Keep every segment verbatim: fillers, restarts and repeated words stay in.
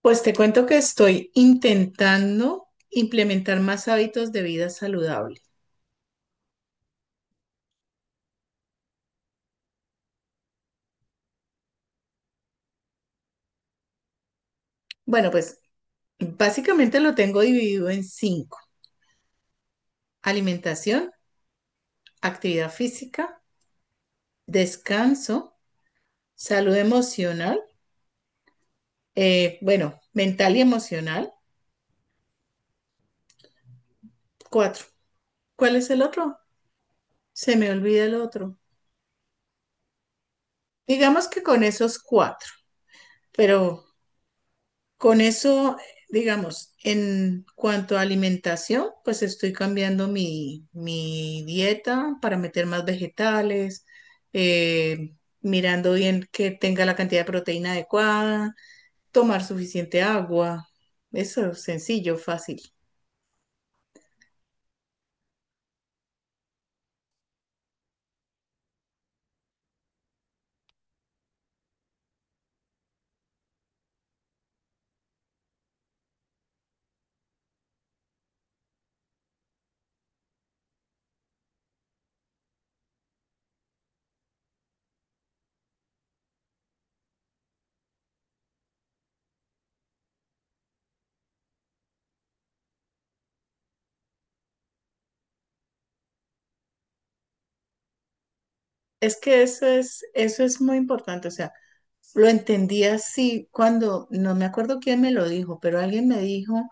Pues te cuento que estoy intentando implementar más hábitos de vida saludable. Bueno, pues básicamente lo tengo dividido en cinco. Alimentación, actividad física, descanso, salud emocional, eh, bueno, mental y emocional. Cuatro. ¿Cuál es el otro? Se me olvida el otro. Digamos que con esos cuatro, pero con eso, digamos, en cuanto a alimentación, pues estoy cambiando mi, mi dieta para meter más vegetales, eh, mirando bien que tenga la cantidad de proteína adecuada, tomar suficiente agua. Eso es sencillo, fácil. Es que eso es, eso es muy importante. O sea, lo entendí así cuando, no me acuerdo quién me lo dijo, pero alguien me dijo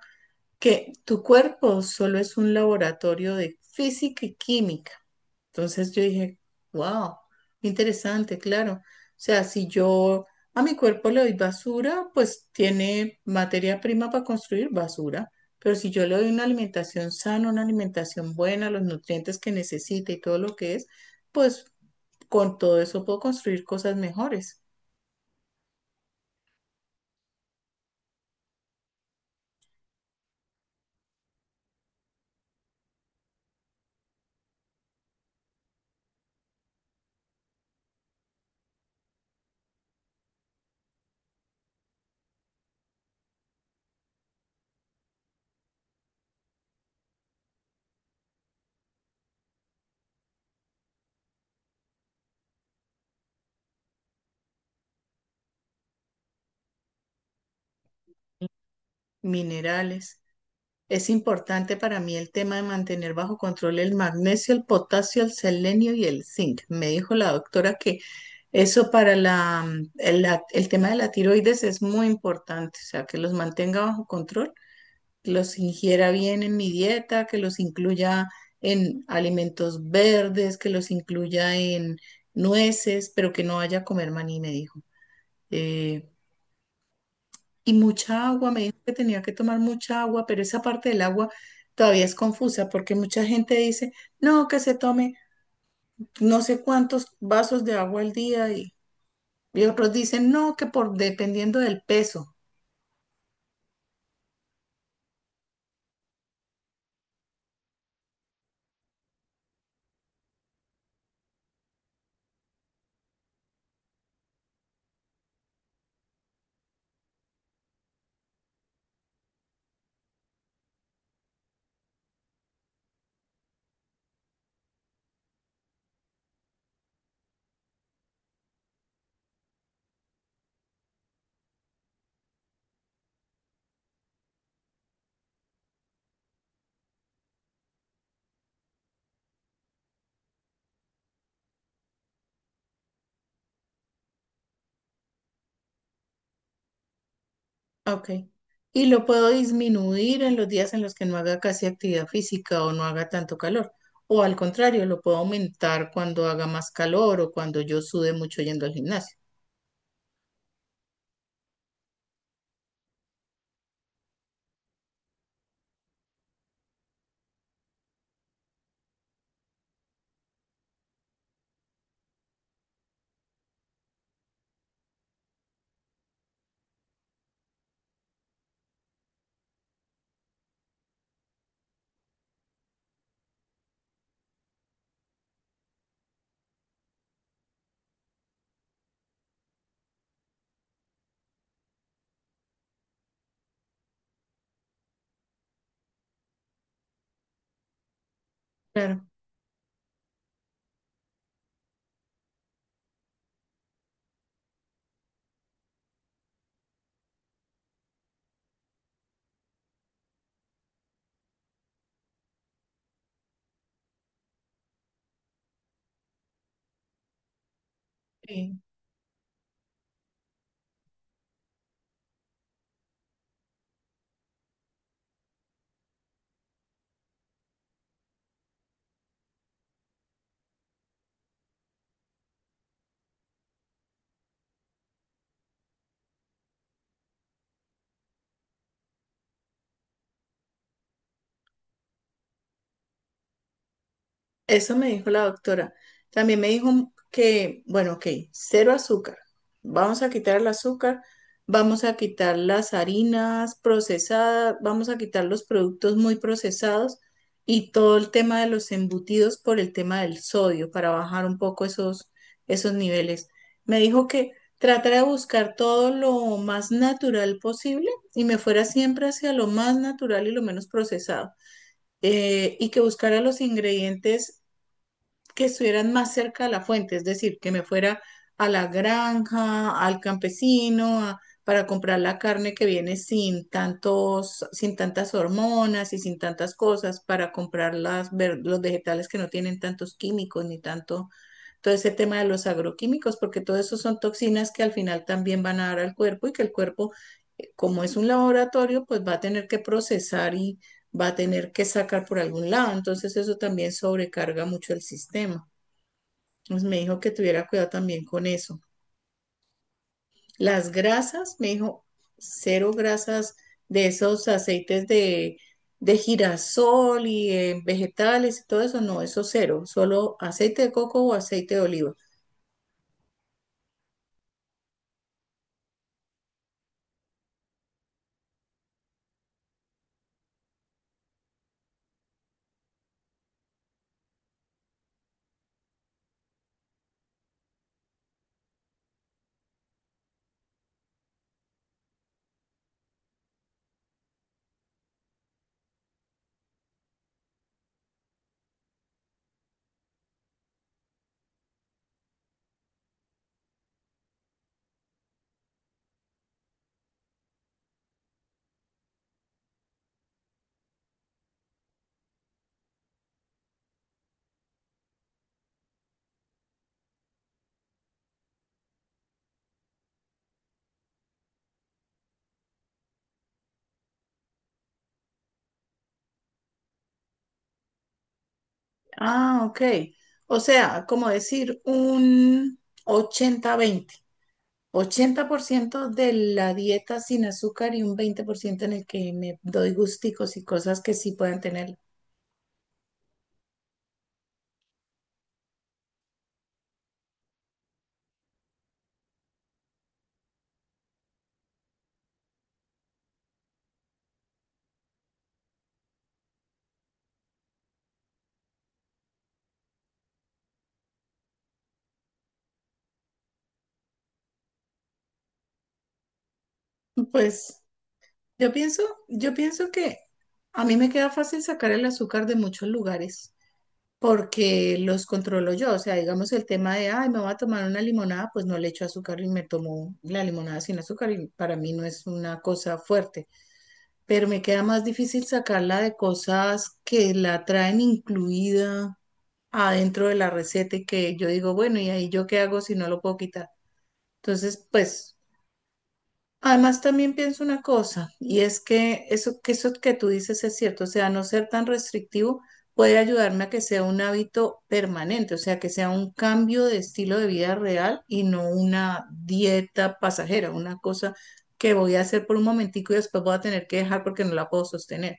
que tu cuerpo solo es un laboratorio de física y química. Entonces yo dije, wow, interesante, claro. O sea, si yo a mi cuerpo le doy basura, pues tiene materia prima para construir basura. Pero si yo le doy una alimentación sana, una alimentación buena, los nutrientes que necesita y todo lo que es, pues con todo eso puedo construir cosas mejores, minerales. Es importante para mí el tema de mantener bajo control el magnesio, el potasio, el selenio y el zinc. Me dijo la doctora que eso para la, mm, el, la- el tema de la tiroides es muy importante, o sea, que los mantenga bajo control, que los ingiera bien en mi dieta, que los incluya en alimentos verdes, que los incluya en nueces, pero que no vaya a comer maní, me dijo. Eh, y mucha agua, me dijo que tenía que tomar mucha agua, pero esa parte del agua todavía es confusa porque mucha gente dice, no, que se tome no sé cuántos vasos de agua al día y, y otros dicen, no, que por dependiendo del peso. Ok. Y lo puedo disminuir en los días en los que no haga casi actividad física o no haga tanto calor. O al contrario, lo puedo aumentar cuando haga más calor o cuando yo sude mucho yendo al gimnasio. Claro. Sí. Eso me dijo la doctora. También me dijo que, bueno, ok, cero azúcar. Vamos a quitar el azúcar, vamos a quitar las harinas procesadas, vamos a quitar los productos muy procesados y todo el tema de los embutidos por el tema del sodio para bajar un poco esos, esos niveles. Me dijo que tratara de buscar todo lo más natural posible y me fuera siempre hacia lo más natural y lo menos procesado, eh, y que buscara los ingredientes que estuvieran más cerca de la fuente, es decir, que me fuera a la granja, al campesino, a- para comprar la carne que viene sin tantos, sin tantas hormonas y sin tantas cosas, para comprar las, ver- los vegetales que no tienen tantos químicos ni tanto, todo ese tema de los agroquímicos, porque todo eso son toxinas que al final también van a dar al cuerpo y que el cuerpo, como es un laboratorio, pues va a tener que procesar y va a tener que sacar por algún lado. Entonces eso también sobrecarga mucho el sistema. Pues me dijo que tuviera cuidado también con eso. Las grasas, me dijo, cero grasas de esos aceites de, de girasol y eh, vegetales y todo eso, no, eso cero, solo aceite de coco o aceite de oliva. Ah, ok. O sea, como decir un ochenta veinte, ochenta por ciento de la dieta sin azúcar y un veinte por ciento en el que me doy gusticos y cosas que sí puedan tener. Pues Yo pienso, yo pienso que a mí me queda fácil sacar el azúcar de muchos lugares porque los controlo yo. O sea, digamos el tema de, ay, me voy a tomar una limonada, pues no le echo azúcar y me tomo la limonada sin azúcar y para mí no es una cosa fuerte. Pero me queda más difícil sacarla de cosas que la traen incluida adentro de la receta y que yo digo, bueno, ¿y ahí yo qué hago si no lo puedo quitar? Entonces, pues... Además, también pienso una cosa, y es que eso, que eso que tú dices es cierto, o sea, no ser tan restrictivo puede ayudarme a que sea un hábito permanente, o sea, que sea un cambio de estilo de vida real y no una dieta pasajera, una cosa que voy a hacer por un momentico y después voy a tener que dejar porque no la puedo sostener.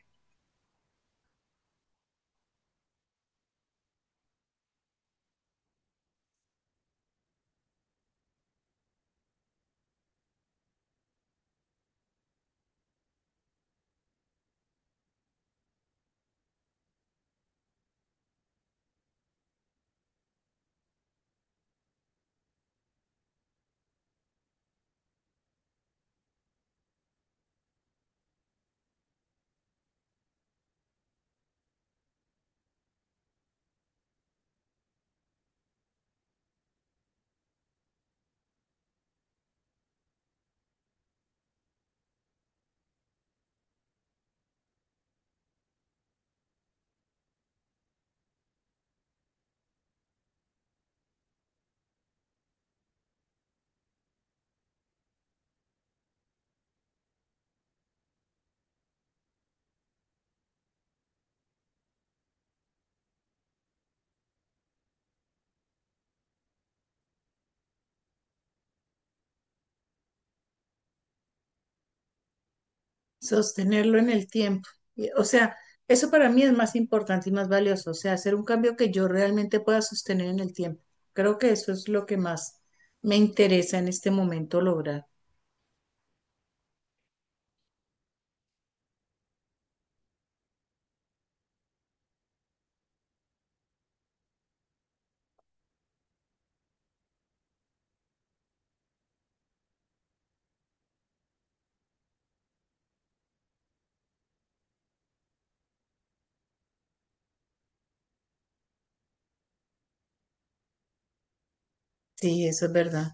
Sostenerlo en el tiempo. Y, o sea, eso para mí es más importante y más valioso, o sea, hacer un cambio que yo realmente pueda sostener en el tiempo. Creo que eso es lo que más me interesa en este momento lograr. Sí, eso es verdad.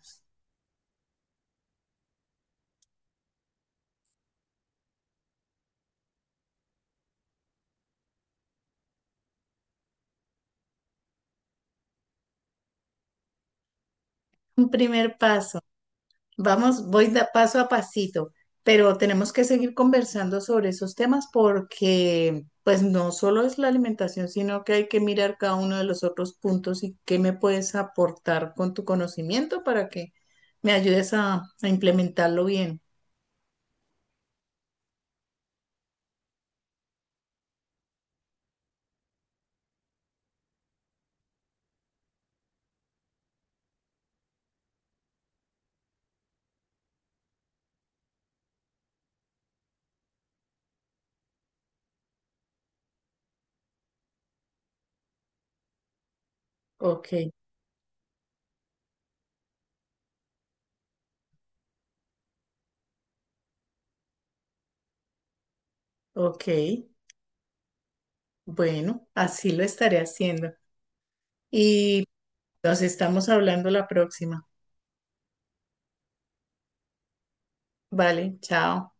Un primer paso. Vamos, voy da paso a pasito, pero tenemos que seguir conversando sobre esos temas porque pues no solo es la alimentación, sino que hay que mirar cada uno de los otros puntos y qué me puedes aportar con tu conocimiento para que me ayudes a, a implementarlo bien. Ok, ok. Bueno, así lo estaré haciendo. Y nos estamos hablando la próxima. Vale, chao.